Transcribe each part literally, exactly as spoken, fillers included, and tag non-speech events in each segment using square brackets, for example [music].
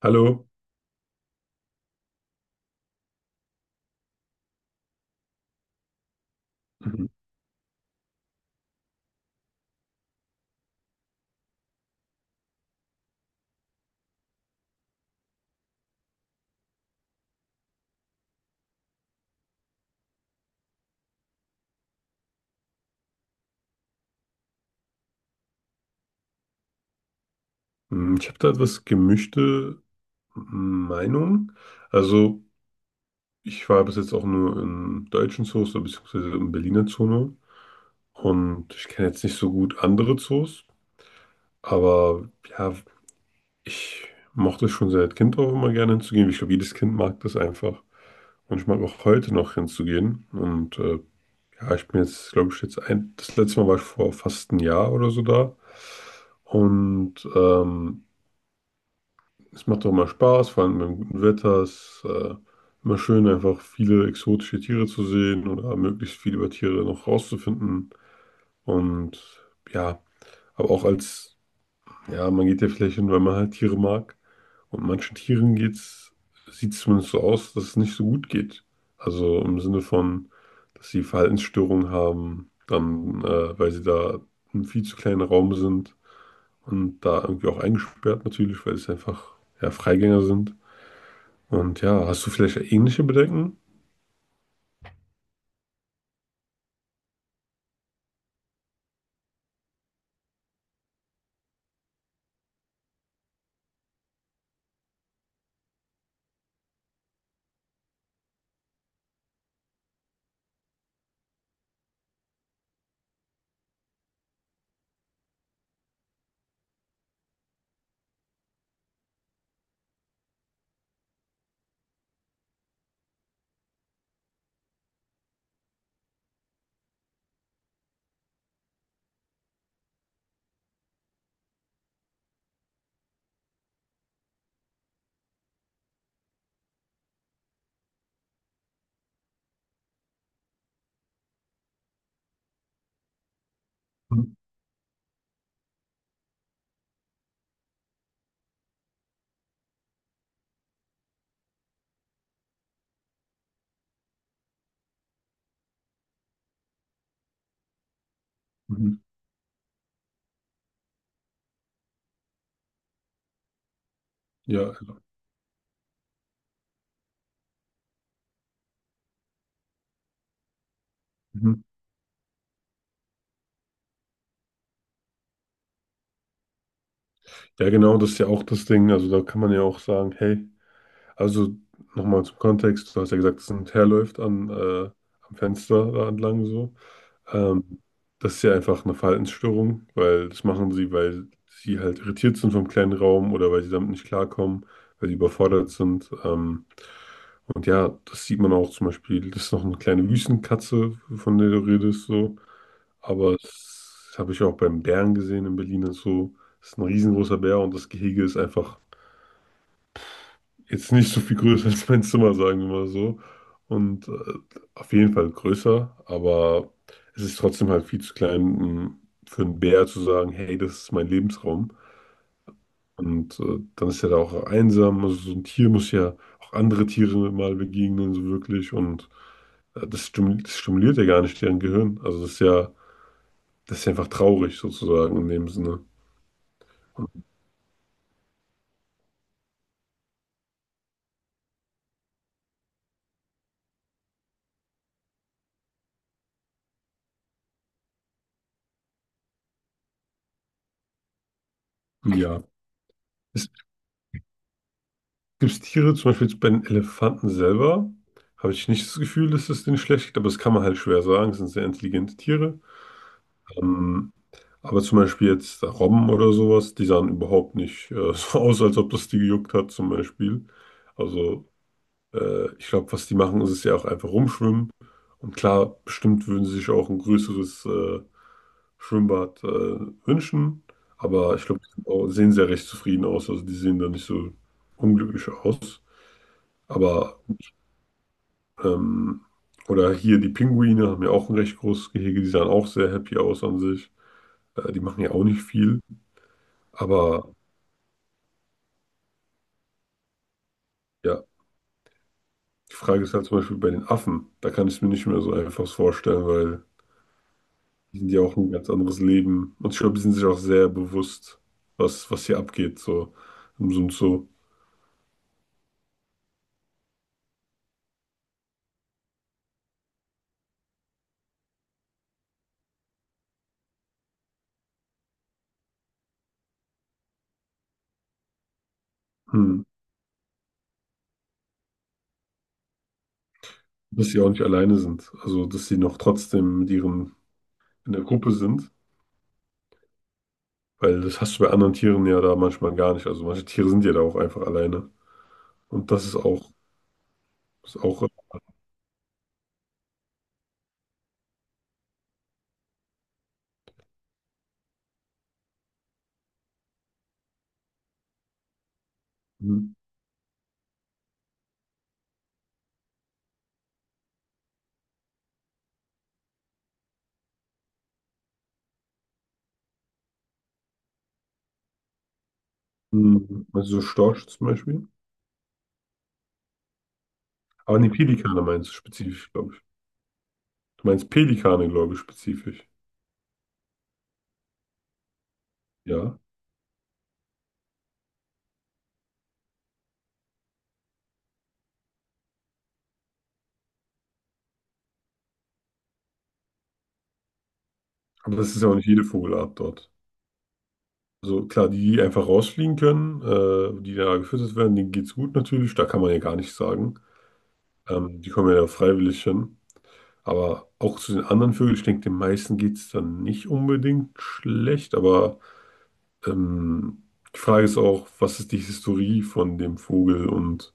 Hallo. Mhm. Mm, Ich habe da etwas gemischte Meinung. Also, ich war bis jetzt auch nur in deutschen Zoos oder beziehungsweise im Berliner Zoo nur. Und ich kenne jetzt nicht so gut andere Zoos, aber ja, ich mochte schon seit Kind auch immer gerne hinzugehen. Ich glaube, jedes Kind mag das einfach, und ich mag auch heute noch hinzugehen, und äh, ja, ich bin jetzt, glaube ich, jetzt ein, das letzte Mal war ich vor fast einem Jahr oder so da. Und ähm, es macht doch mal Spaß, vor allem beim guten Wetter. Es ist äh, immer schön, einfach viele exotische Tiere zu sehen oder möglichst viel über Tiere noch rauszufinden. Und ja, aber auch als, ja, man geht ja vielleicht hin, weil man halt Tiere mag. Und manchen Tieren geht's, sieht es zumindest so aus, dass es nicht so gut geht. Also im Sinne von, dass sie Verhaltensstörungen haben, dann, äh, weil sie da im viel zu kleinen Raum sind und da irgendwie auch eingesperrt natürlich, weil es einfach ja, Freigänger sind. Und ja, hast du vielleicht ähnliche Bedenken? Mhm. Mhm. Ja, also, mhm. Ja, genau, das ist ja auch das Ding. Also da kann man ja auch sagen, hey, also nochmal zum Kontext, du hast ja gesagt, dass ein Teer läuft an, äh, am Fenster da entlang so. Ähm, das ist ja einfach eine Verhaltensstörung, weil das machen sie, weil sie halt irritiert sind vom kleinen Raum oder weil sie damit nicht klarkommen, weil sie überfordert sind. Ähm, und ja, das sieht man auch zum Beispiel, das ist noch eine kleine Wüstenkatze, von der du redest, so. Aber das habe ich auch beim Bären gesehen in Berlin und so. Das ist ein riesengroßer Bär, und das Gehege ist einfach jetzt nicht so viel größer [laughs] als mein Zimmer, sagen wir mal so. Und äh, auf jeden Fall größer, aber es ist trotzdem halt viel zu klein, um für einen Bär zu sagen, hey, das ist mein Lebensraum. Und äh, dann ist er da auch einsam. Also so ein Tier muss ja auch andere Tiere mal begegnen, so wirklich. Und äh, das stimuliert, das stimuliert ja gar nicht deren Gehirn. Also das ist ja, das ist ja einfach traurig sozusagen in dem Sinne. Ja. Es gibt Tiere, zum Beispiel jetzt bei den Elefanten selber, habe ich nicht das Gefühl, dass es denen schlecht geht, aber das kann man halt schwer sagen. Es sind sehr intelligente Tiere. Ähm, aber zum Beispiel jetzt Robben oder sowas, die sahen überhaupt nicht äh, [laughs] so aus, als ob das die gejuckt hat, zum Beispiel. Also, äh, ich glaube, was die machen, ist es ja auch einfach rumschwimmen. Und klar, bestimmt würden sie sich auch ein größeres äh, Schwimmbad äh, wünschen. Aber ich glaube, die sind auch- sehen sehr recht zufrieden aus. Also, die sehen da nicht so unglücklich aus. Aber, ähm, oder hier die Pinguine haben ja auch ein recht großes Gehege, die sahen auch sehr happy aus an sich. Äh, die machen ja auch nicht viel. Aber ja, die Frage ist halt zum Beispiel bei den Affen. Da kann ich es mir nicht mehr so einfach vorstellen, weil die sind ja auch ein ganz anderes Leben. Und ich glaube, die sind sich auch sehr bewusst, was, was hier abgeht, so im Sinn so, hm, dass sie auch nicht alleine sind. Also, dass sie noch trotzdem mit ihren in der Gruppe sind. Weil das hast du bei anderen Tieren ja da manchmal gar nicht. Also manche Tiere sind ja da auch einfach alleine. Und das ist auch, ist auch mm, also so Storch zum Beispiel. Aber nee, Pelikane meinst du spezifisch, glaube ich. Du meinst Pelikane, glaube ich, spezifisch. Ja. Aber das ist ja auch nicht jede Vogelart dort. Also klar, die, die einfach rausfliegen können, äh, die da gefüttert werden, denen geht's gut natürlich. Da kann man ja gar nichts sagen. Ähm, die kommen ja da freiwillig hin. Aber auch zu den anderen Vögeln, ich denke, den meisten geht's dann nicht unbedingt schlecht. Aber ähm, die Frage ist auch, was ist die Historie von dem Vogel und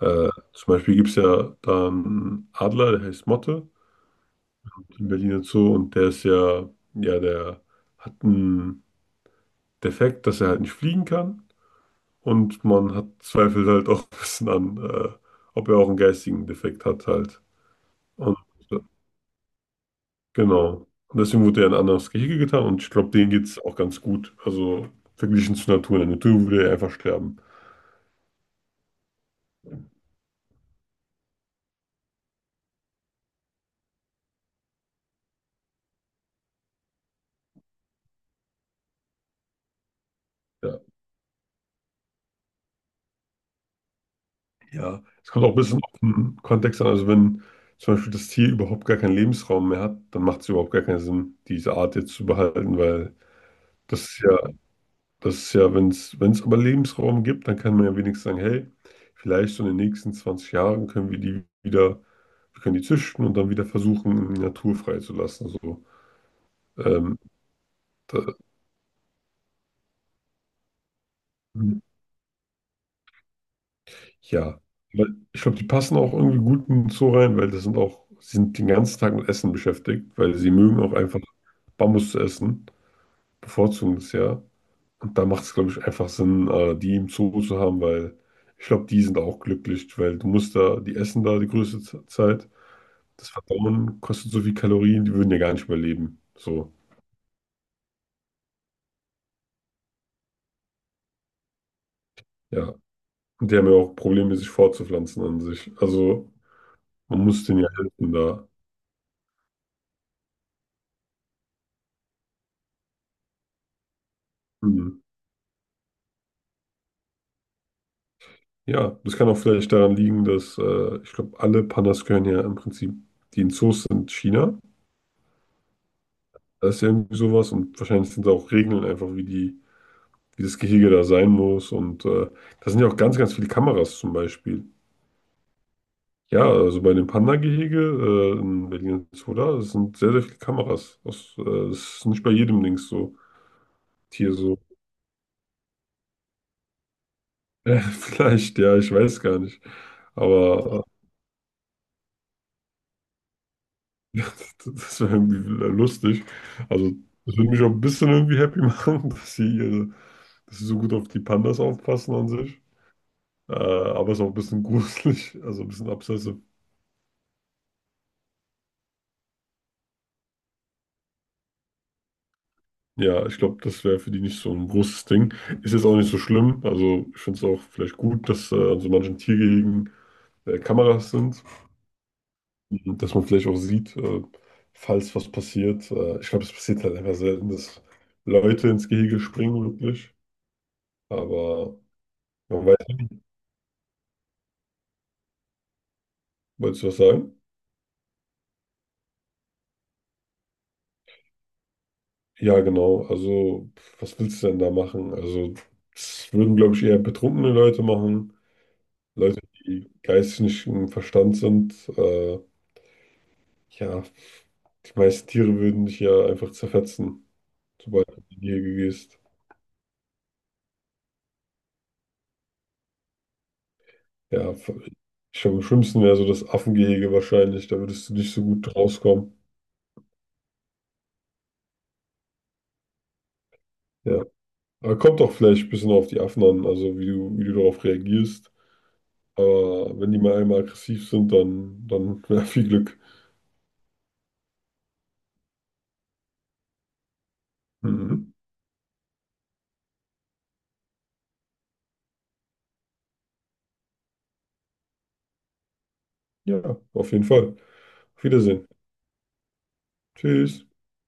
Äh, zum Beispiel gibt es ja da einen Adler, der heißt Motte, in Berlin und so, und der ist ja, ja, der hat einen Defekt, dass er halt nicht fliegen kann. Und man hat zweifelt halt auch [laughs] ein bisschen an, äh, ob er auch einen geistigen Defekt hat halt. Und äh, genau. Und deswegen wurde er in ein anderes Gehege getan, und ich glaube, denen geht es auch ganz gut. Also verglichen zur Natur. In der Natur würde er einfach sterben. Ja. Ja, es kommt auch ein bisschen auf den Kontext an. Also wenn zum Beispiel das Tier überhaupt gar keinen Lebensraum mehr hat, dann macht es überhaupt gar keinen Sinn, diese Art jetzt zu behalten, weil das ist ja, das ist ja, wenn es, wenn es aber Lebensraum gibt, dann kann man ja wenigstens sagen, hey, vielleicht so in den nächsten zwanzig Jahren können wir die wieder, wir können die züchten und dann wieder versuchen, in die Natur freizulassen. So, ähm, da, ja, aber ich glaube, die passen auch irgendwie gut in den Zoo rein, weil das sind auch, sie sind den ganzen Tag mit Essen beschäftigt, weil sie mögen auch einfach Bambus zu essen, bevorzugen das ja. Und da macht es, glaube ich, einfach Sinn, äh, die im Zoo zu haben, weil ich glaube, die sind auch glücklich, weil du musst da, die essen da die größte Z- Zeit. Das Verdauen kostet so viel Kalorien, die würden ja gar nicht überleben. So, ja. Und die haben ja auch Probleme, sich fortzupflanzen an sich. Also man muss denen ja helfen da. Mhm. Ja, das kann auch vielleicht daran liegen, dass äh, ich glaube, alle Pandas gehören ja im Prinzip, die in Zoos sind, China. Da ist ja irgendwie sowas, und wahrscheinlich sind da auch Regeln einfach, wie die, wie das Gehege da sein muss. Und äh, da sind ja auch ganz, ganz viele Kameras zum Beispiel. Ja, also bei dem Panda-Gehege äh, in Berlin Zoo da das sind sehr, sehr viele Kameras. Das, äh, das ist nicht bei jedem Dings so, Tier so. [laughs] Äh, vielleicht, ja, ich weiß gar nicht. Aber [laughs] das wäre irgendwie lustig. Also, das würde mich auch ein bisschen irgendwie happy [laughs] machen, dass sie, ihre, dass sie so gut auf die Pandas aufpassen an sich. Äh, aber es ist auch ein bisschen [laughs] gruselig, also ein bisschen obsessive. Ja, ich glaube, das wäre für die nicht so ein großes Ding. Ist jetzt auch nicht so schlimm. Also, ich finde es auch vielleicht gut, dass äh, an so manchen Tiergehegen äh, Kameras sind, dass man vielleicht auch sieht, äh, falls was passiert. Äh, ich glaube, es passiert halt einfach selten, dass Leute ins Gehege springen, wirklich. Aber. Man weiß. Wolltest du was sagen? Ja, genau. Also, pf, was willst du denn da machen? Also, das würden, glaube ich, eher betrunkene Leute machen. Leute, die geistig nicht im Verstand sind. Äh, ja, die meisten Tiere würden dich ja einfach zerfetzen, sobald du in die Gehege gehst. Ja, f- ich glaube, am schlimmsten wäre so das Affengehege wahrscheinlich. Da würdest du nicht so gut rauskommen. Ja, aber kommt auch vielleicht ein bisschen auf die Affen an, also wie du, wie du darauf reagierst. Aber wenn die mal einmal aggressiv sind, dann, dann [laughs] ja, viel Glück. Mhm. Ja, auf jeden Fall. Auf Wiedersehen. Tschüss.